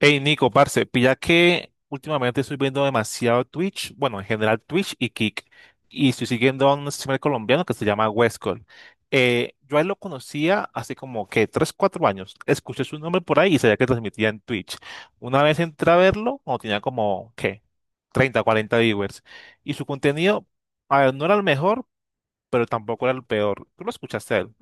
Hey Nico, parce, pilla que últimamente estoy viendo demasiado Twitch, bueno, en general Twitch y Kick, y estoy siguiendo a un streamer colombiano que se llama Westcol. Yo a él lo conocía hace como que 3 4 años. Escuché su nombre por ahí y sabía que transmitía en Twitch. Una vez entré a verlo, cuando tenía como, ¿qué? 30, 40 viewers. Y su contenido, a ver, no era el mejor, pero tampoco era el peor. Tú lo escuchaste a él.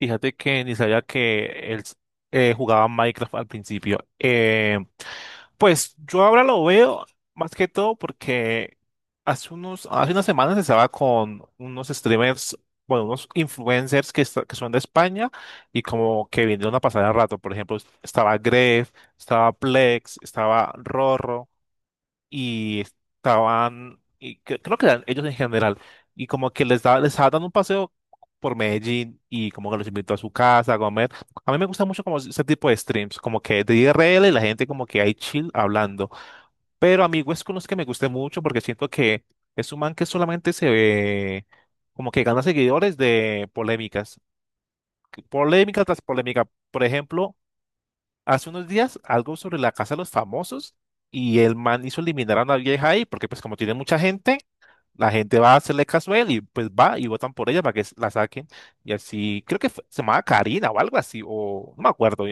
Fíjate que ni sabía que él jugaba Minecraft al principio. Pues yo ahora lo veo más que todo porque hace unas semanas estaba con unos streamers, bueno, unos influencers que son de España y como que vinieron a pasar el rato. Por ejemplo, estaba Gref, estaba Plex, estaba Rorro y creo que eran ellos en general, y como que les estaba dando un paseo por Medellín y como que los invitó a su casa a comer. A mí me gusta mucho como ese tipo de streams, como que de IRL y la gente como que hay chill hablando. Pero amigos con los que me guste mucho porque siento que es un man que solamente se ve como que gana seguidores de polémicas, polémica tras polémica. Por ejemplo, hace unos días algo sobre la casa de los famosos y el man hizo eliminar a una vieja ahí porque pues como tiene mucha gente, la gente va a hacerle caso a él y pues va y votan por ella para que la saquen. Y así, creo que se llamaba Karina o algo así, o no me acuerdo.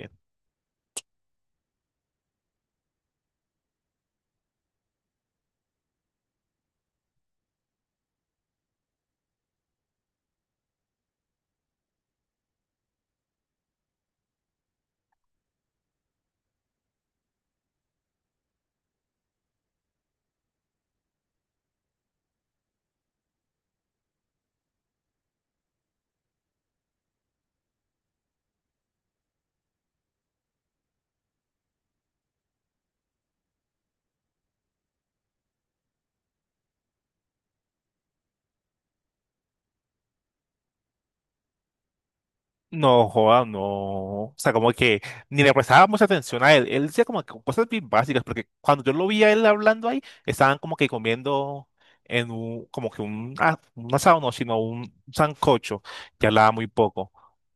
No, joda, no. O sea, como que ni le prestaba mucha atención a él. Él decía como que cosas bien básicas, porque cuando yo lo vi a él hablando ahí, estaban como que comiendo en un, como que un, ah, un asado, no, sino un sancocho, que hablaba muy poco.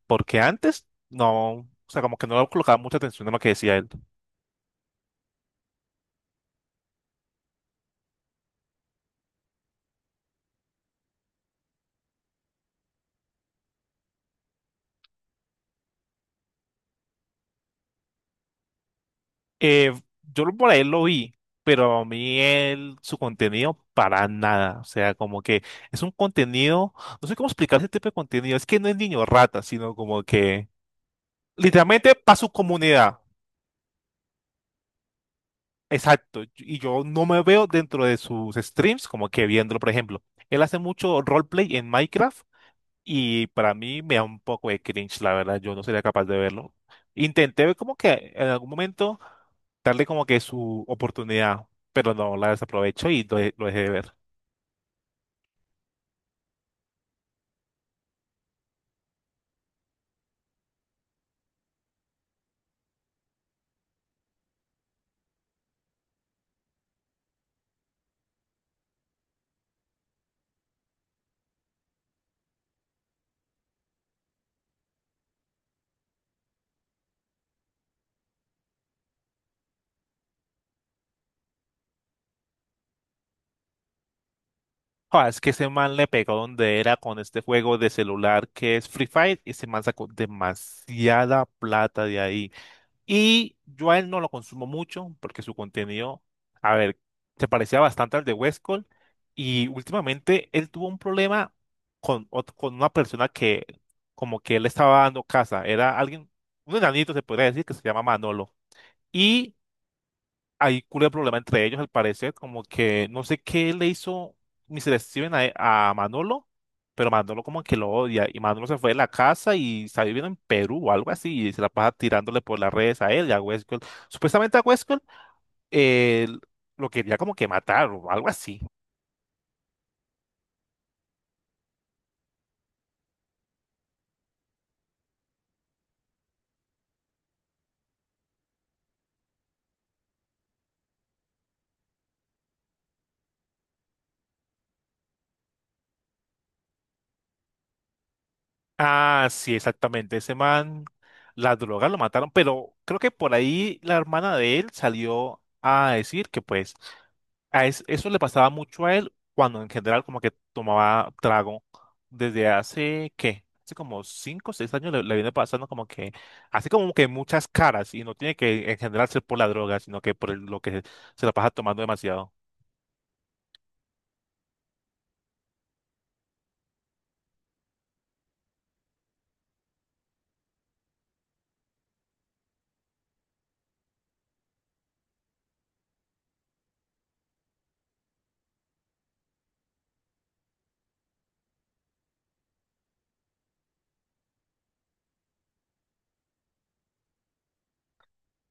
Porque antes, no, o sea, como que no le colocaba mucha atención a lo que decía él. Eh, por ahí lo vi, pero a mí su contenido para nada. O sea, como que es un contenido, no sé cómo explicar ese tipo de contenido. Es que no es niño rata, sino como que literalmente para su comunidad. Exacto. Y yo no me veo dentro de sus streams como que viéndolo, por ejemplo. Él hace mucho roleplay en Minecraft y para mí me da un poco de cringe, la verdad. Yo no sería capaz de verlo. Intenté ver como que en algún momento darle como que su oportunidad, pero no la desaprovecho y lo dejé de ver. Joder, es que ese man le pegó donde era con este juego de celular que es Free Fire y ese man sacó demasiada plata de ahí. Y yo a él no lo consumo mucho porque su contenido, a ver, se parecía bastante al de Westcol y últimamente él tuvo un problema con una persona que como que él estaba dando casa. Era alguien, un enanito se podría decir que se llama Manolo. Y hay culo de problema entre ellos, al parecer, como que no sé qué le hizo Mr. Steven a Manolo, pero Manolo como que lo odia. Y Manolo se fue de la casa y está viviendo en Perú o algo así, y se la pasa tirándole por las redes a él y a Westworld. Supuestamente a Westworld eh, lo quería como que matar o algo así. Ah, sí, exactamente. Ese man, las drogas lo mataron, pero creo que por ahí la hermana de él salió a decir que pues eso le pasaba mucho a él cuando en general como que tomaba trago desde hace, ¿qué? Hace como 5 o 6 años le viene pasando como que hace como que muchas caras y no tiene que en general ser por la droga, sino que lo que se la pasa tomando demasiado.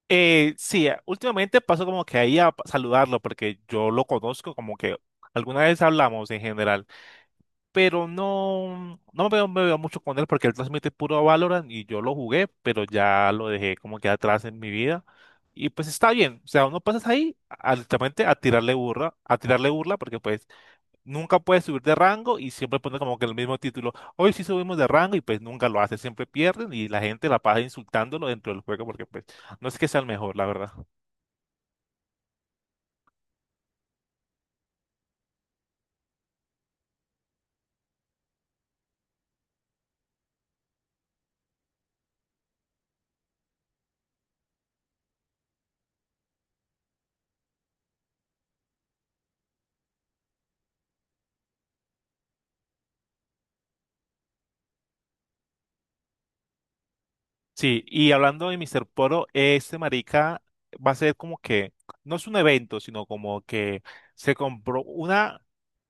Sí, últimamente paso como que ahí a saludarlo porque yo lo conozco como que alguna vez hablamos en general, pero no me veo, mucho con él porque él transmite puro Valorant y yo lo jugué, pero ya lo dejé como que atrás en mi vida. Y pues está bien, o sea, uno pasas ahí literalmente a tirarle burla porque pues nunca puedes subir de rango y siempre pone como que el mismo título, hoy sí subimos de rango y pues nunca lo hace, siempre pierden y la gente la pasa insultándolo dentro del juego porque pues no es que sea el mejor, la verdad. Sí, y hablando de Mr. Poro, este marica va a ser como que, no es un evento, sino como que se compró una,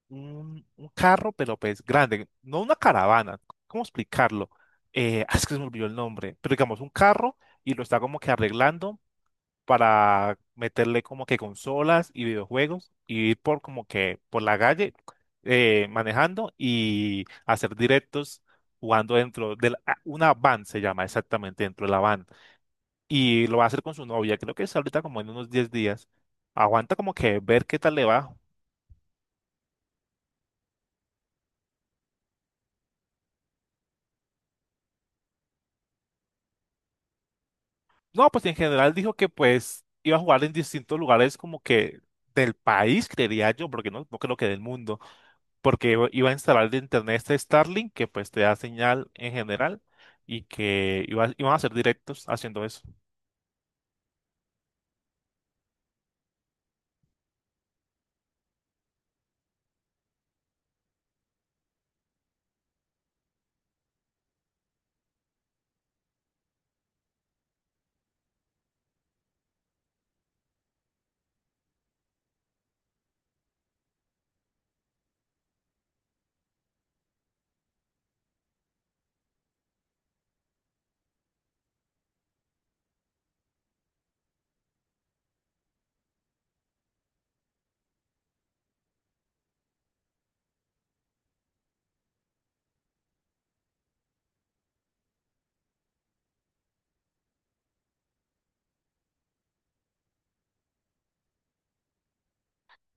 un, un carro, pero pues grande, no una caravana, ¿cómo explicarlo? Es que se me olvidó el nombre, pero digamos un carro y lo está como que arreglando para meterle como que consolas y videojuegos y ir por como que por la calle manejando y hacer directos jugando dentro de una van, se llama exactamente, dentro de la van y lo va a hacer con su novia. Creo que es ahorita como en unos 10 días. Aguanta como que ver qué tal le va. No, pues en general dijo que pues iba a jugar en distintos lugares como que del país, creería yo, porque no creo que del mundo, porque iba a instalar de internet este Starlink que pues te da señal en general y que iba, iban a hacer directos haciendo eso.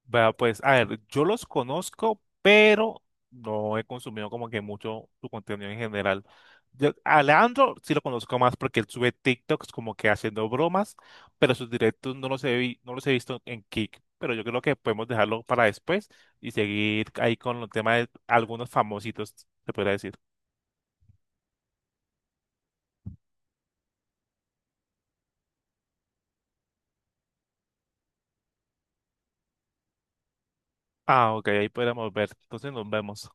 Vea, pues, a ver, yo los conozco, pero no he consumido como que mucho su contenido en general. A Leandro sí lo conozco más porque él sube TikToks como que haciendo bromas, pero sus directos no los he visto en Kick. Pero yo creo que podemos dejarlo para después y seguir ahí con el tema de algunos famositos, se podría decir. Ah, ok, ahí podemos ver. Entonces nos vemos.